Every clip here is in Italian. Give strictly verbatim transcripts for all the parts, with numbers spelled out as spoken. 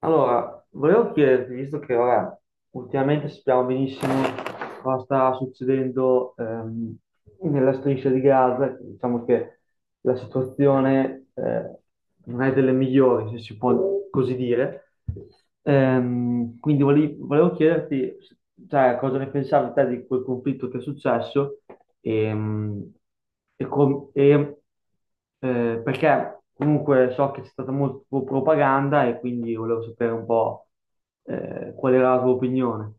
Allora, volevo chiederti, visto che ora ultimamente sappiamo benissimo cosa sta succedendo ehm, nella striscia di Gaza, diciamo che la situazione eh, non è delle migliori, se si può così dire. Ehm, quindi vole- volevo chiederti, cioè, cosa ne pensavi te di quel conflitto che è successo ehm, e, com- e eh, perché comunque so che c'è stata molta propaganda e quindi volevo sapere un po', eh, qual era la tua opinione.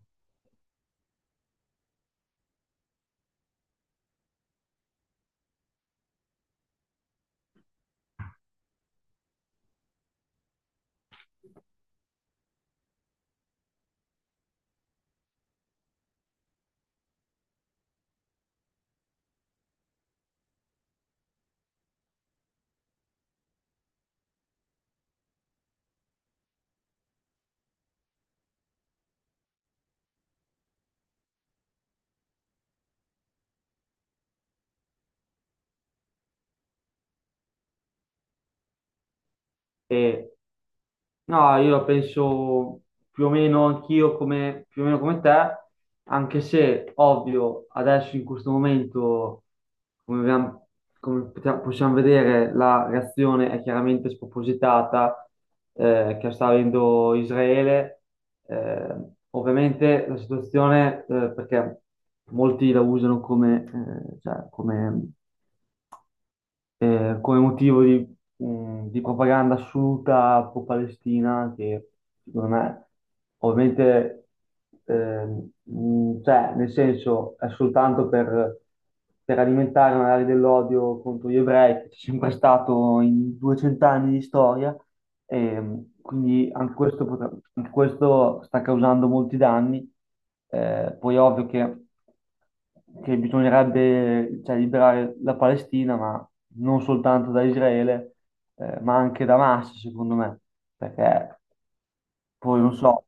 E no, io la penso più o meno anch'io come, più o meno come te, anche se ovvio adesso in questo momento, come, abbiamo- come potia- possiamo vedere, la reazione è chiaramente spropositata eh, che sta avendo Israele. Eh, ovviamente la situazione, eh, perché molti la usano come, eh, cioè, come eh, come motivo di, mh, di propaganda assoluta pro-Palestina, che secondo me ovviamente, ehm, mh, cioè, nel senso, è soltanto per, per alimentare magari dell'odio contro gli ebrei, che c'è sempre stato in duecento anni di storia, e quindi anche questo, potrà- anche questo sta causando molti danni. Eh, poi è ovvio che, che bisognerebbe, cioè, liberare la Palestina, ma non soltanto da Israele, eh, ma anche da Hamas, secondo me, perché poi non so.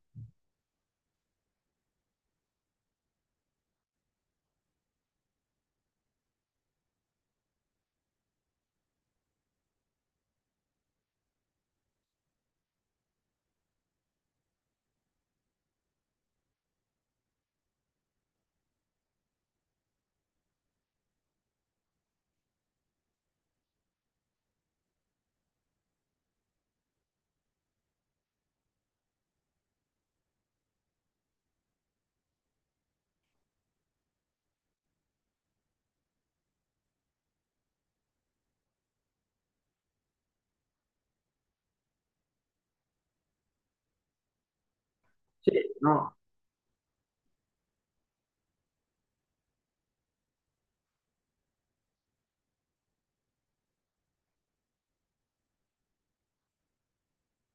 Sì, no,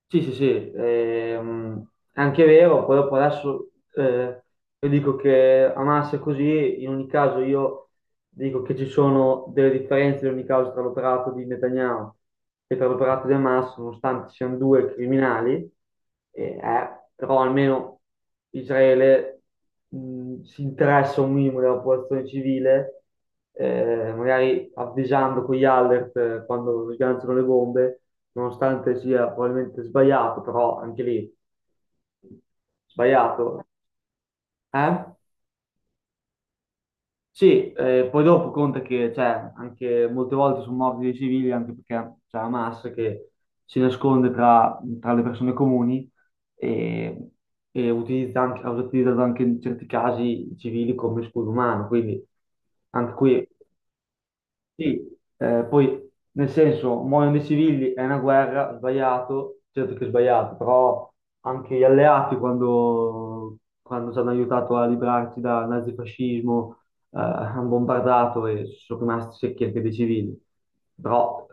sì, sì, sì, ehm, è anche vero, poi dopo adesso eh, io dico che Hamas è così, in ogni caso io dico che ci sono delle differenze di ogni causa tra l'operato di Netanyahu e tra l'operato di Hamas, nonostante siano due criminali, e, eh, però almeno Israele mh, si interessa un minimo della popolazione civile, eh, magari avvisando con gli alert eh, quando sganciano le bombe, nonostante sia probabilmente sbagliato, però anche lì sbagliato. Eh? Sì, eh, poi dopo conta che, cioè, anche molte volte sono morti dei civili anche perché c'è Hamas che si nasconde tra, tra le persone comuni e, e utilizza anche, ha utilizzato anche in certi casi i civili come scudo umano, quindi anche qui sì, eh, poi nel senso, muoiono dei civili, è una guerra, sbagliato, certo che è sbagliato, però anche gli alleati quando, quando ci hanno aiutato a librarci dal nazifascismo eh, hanno bombardato e sono rimasti secchi anche dei civili. Però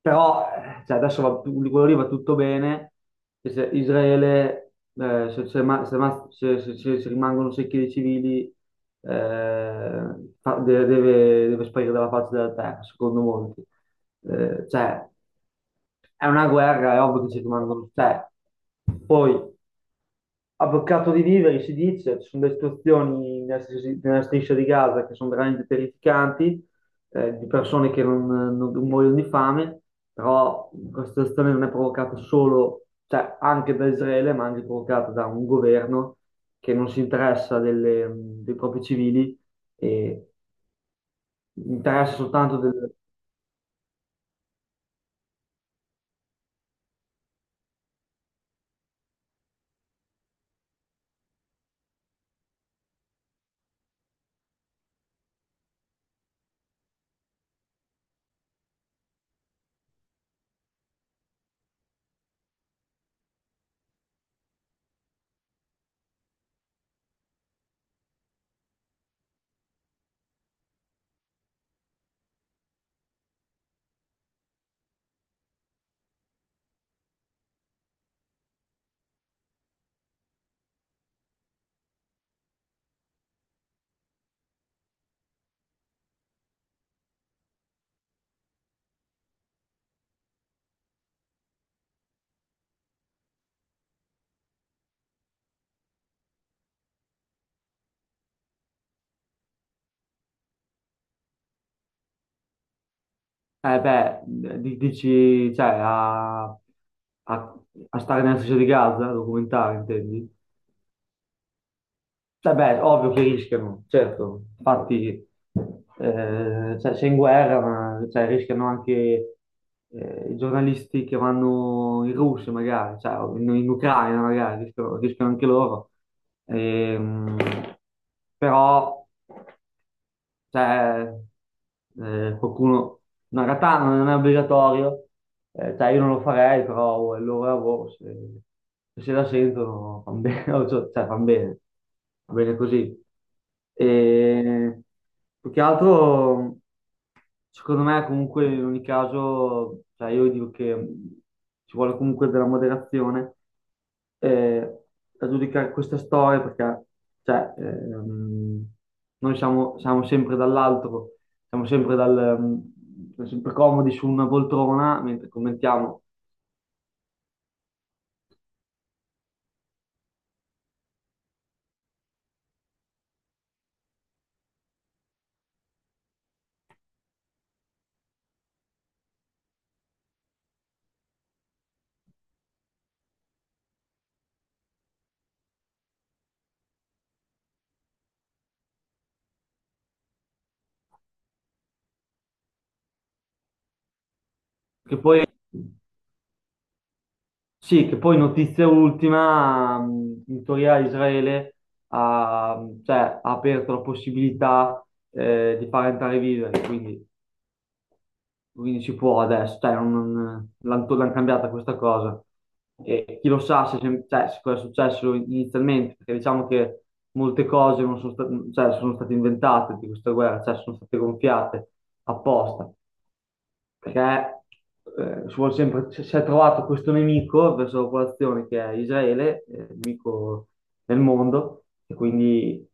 però eh, cioè, adesso va, quello lì va tutto bene, e se Israele, eh, se, se ma- se ma- se- se- se- se rimangono secchi dei civili, eh, fa- de- deve, deve sparire dalla faccia della terra, secondo molti. Eh, cioè, è una guerra, è ovvio che ci rimangono. Cioè, poi a boccato di viveri, si dice, ci sono delle situazioni nella striscia nella striscia di Gaza che sono veramente terrificanti, eh, di persone che non, non- non muoiono di fame, però questa situazione non è provocata solo, cioè anche da Israele, ma anche provocata da un governo che non si interessa delle- dei propri civili e interessa soltanto del... Eh beh, di- dici, cioè, a, a- a stare nella striscia di Gaza, a documentare, intendi? Vabbè, ovvio che rischiano, certo, infatti eh, cioè, sei in guerra, ma cioè, rischiano anche eh, i giornalisti che vanno in Russia magari, cioè, o in, in Ucraina magari, rischiano, rischiano anche loro. Ehm, però cioè, eh, qualcuno... No, in realtà non è obbligatorio, eh, cioè io non lo farei, però è il loro lavoro, se, se la sentono fan bene, cioè fan bene, va bene così. E più che altro... Secondo me, comunque, in ogni caso, cioè io dico che, mh, ci vuole comunque della moderazione eh, a giudicare queste storie perché, cioè, ehm, noi siamo, siamo sempre dall'alto, siamo sempre, dal, mh, siamo sempre comodi su una poltrona mentre commentiamo. Che poi, sì, che poi notizia ultima, mh, in teoria Israele ha, cioè, ha aperto la possibilità eh, di far entrare viveri, quindi quindi si può adesso, cioè, non, non- l'han l'han cambiata questa cosa. E chi lo sa se, se- cioè, se cosa è successo inizialmente, perché diciamo che molte cose non sono, sta- cioè, sono state inventate di questa guerra, cioè sono state gonfiate apposta perché, eh, si vuol sempre, si si è trovato questo nemico verso la popolazione che è Israele, eh, nemico nel mondo, e quindi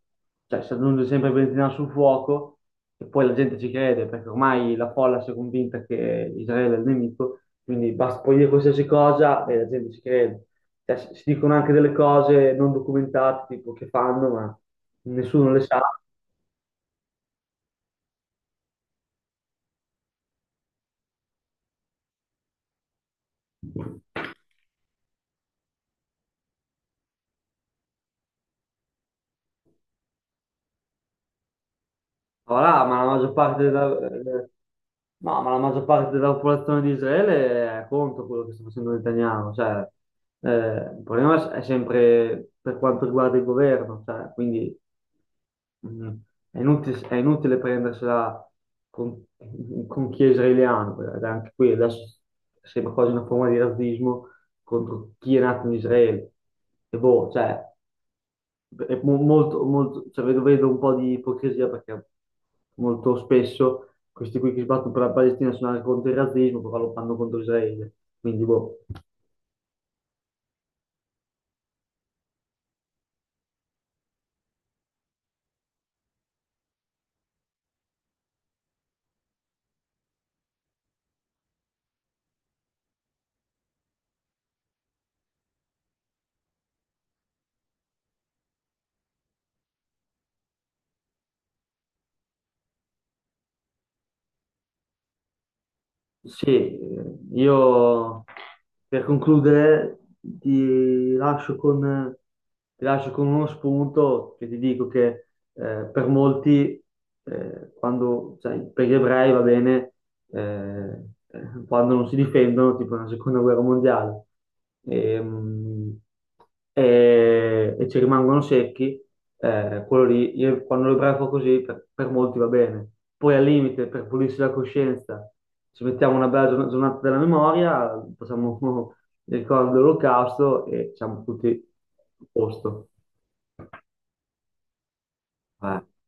cioè, si aggiunge sempre benzina sul fuoco e poi la gente ci crede perché ormai la folla si è convinta che Israele è il nemico, quindi basta poi dire qualsiasi cosa e la gente ci crede. Cioè, si si dicono anche delle cose non documentate, tipo che fanno, ma nessuno le sa. Voilà, ma la maggior parte della, eh, no, ma la maggior parte della popolazione di Israele è contro quello che sta facendo Netanyahu, cioè, eh, il problema è sempre per quanto riguarda il governo, cioè, quindi, mm, è inutile, è inutile prendersela con, con chi è israeliano, perché anche qui adesso sembra quasi una forma di razzismo contro chi è nato in Israele. E boh, cioè, è mo- molto, molto, cioè, vedo, vedo un po' di ipocrisia perché molto spesso questi qui che sbattono per la Palestina sono contro il razzismo, però lo fanno contro Israele. Quindi, boh. Sì, eh, io per concludere ti lascio con, ti lascio con uno spunto che ti dico che, eh, per molti, eh, quando, cioè, per gli ebrei va bene, eh, eh, quando non si difendono, tipo nella seconda guerra mondiale, Ehm, e, e ci rimangono secchi, eh, quello lì, io- quando l'ebreo fa così, per, per molti va bene. Poi al limite, per pulirsi la coscienza, ci mettiamo una bella giorn- giornata della memoria, facciamo il ricordo dell'Olocausto e siamo tutti a posto. Eh.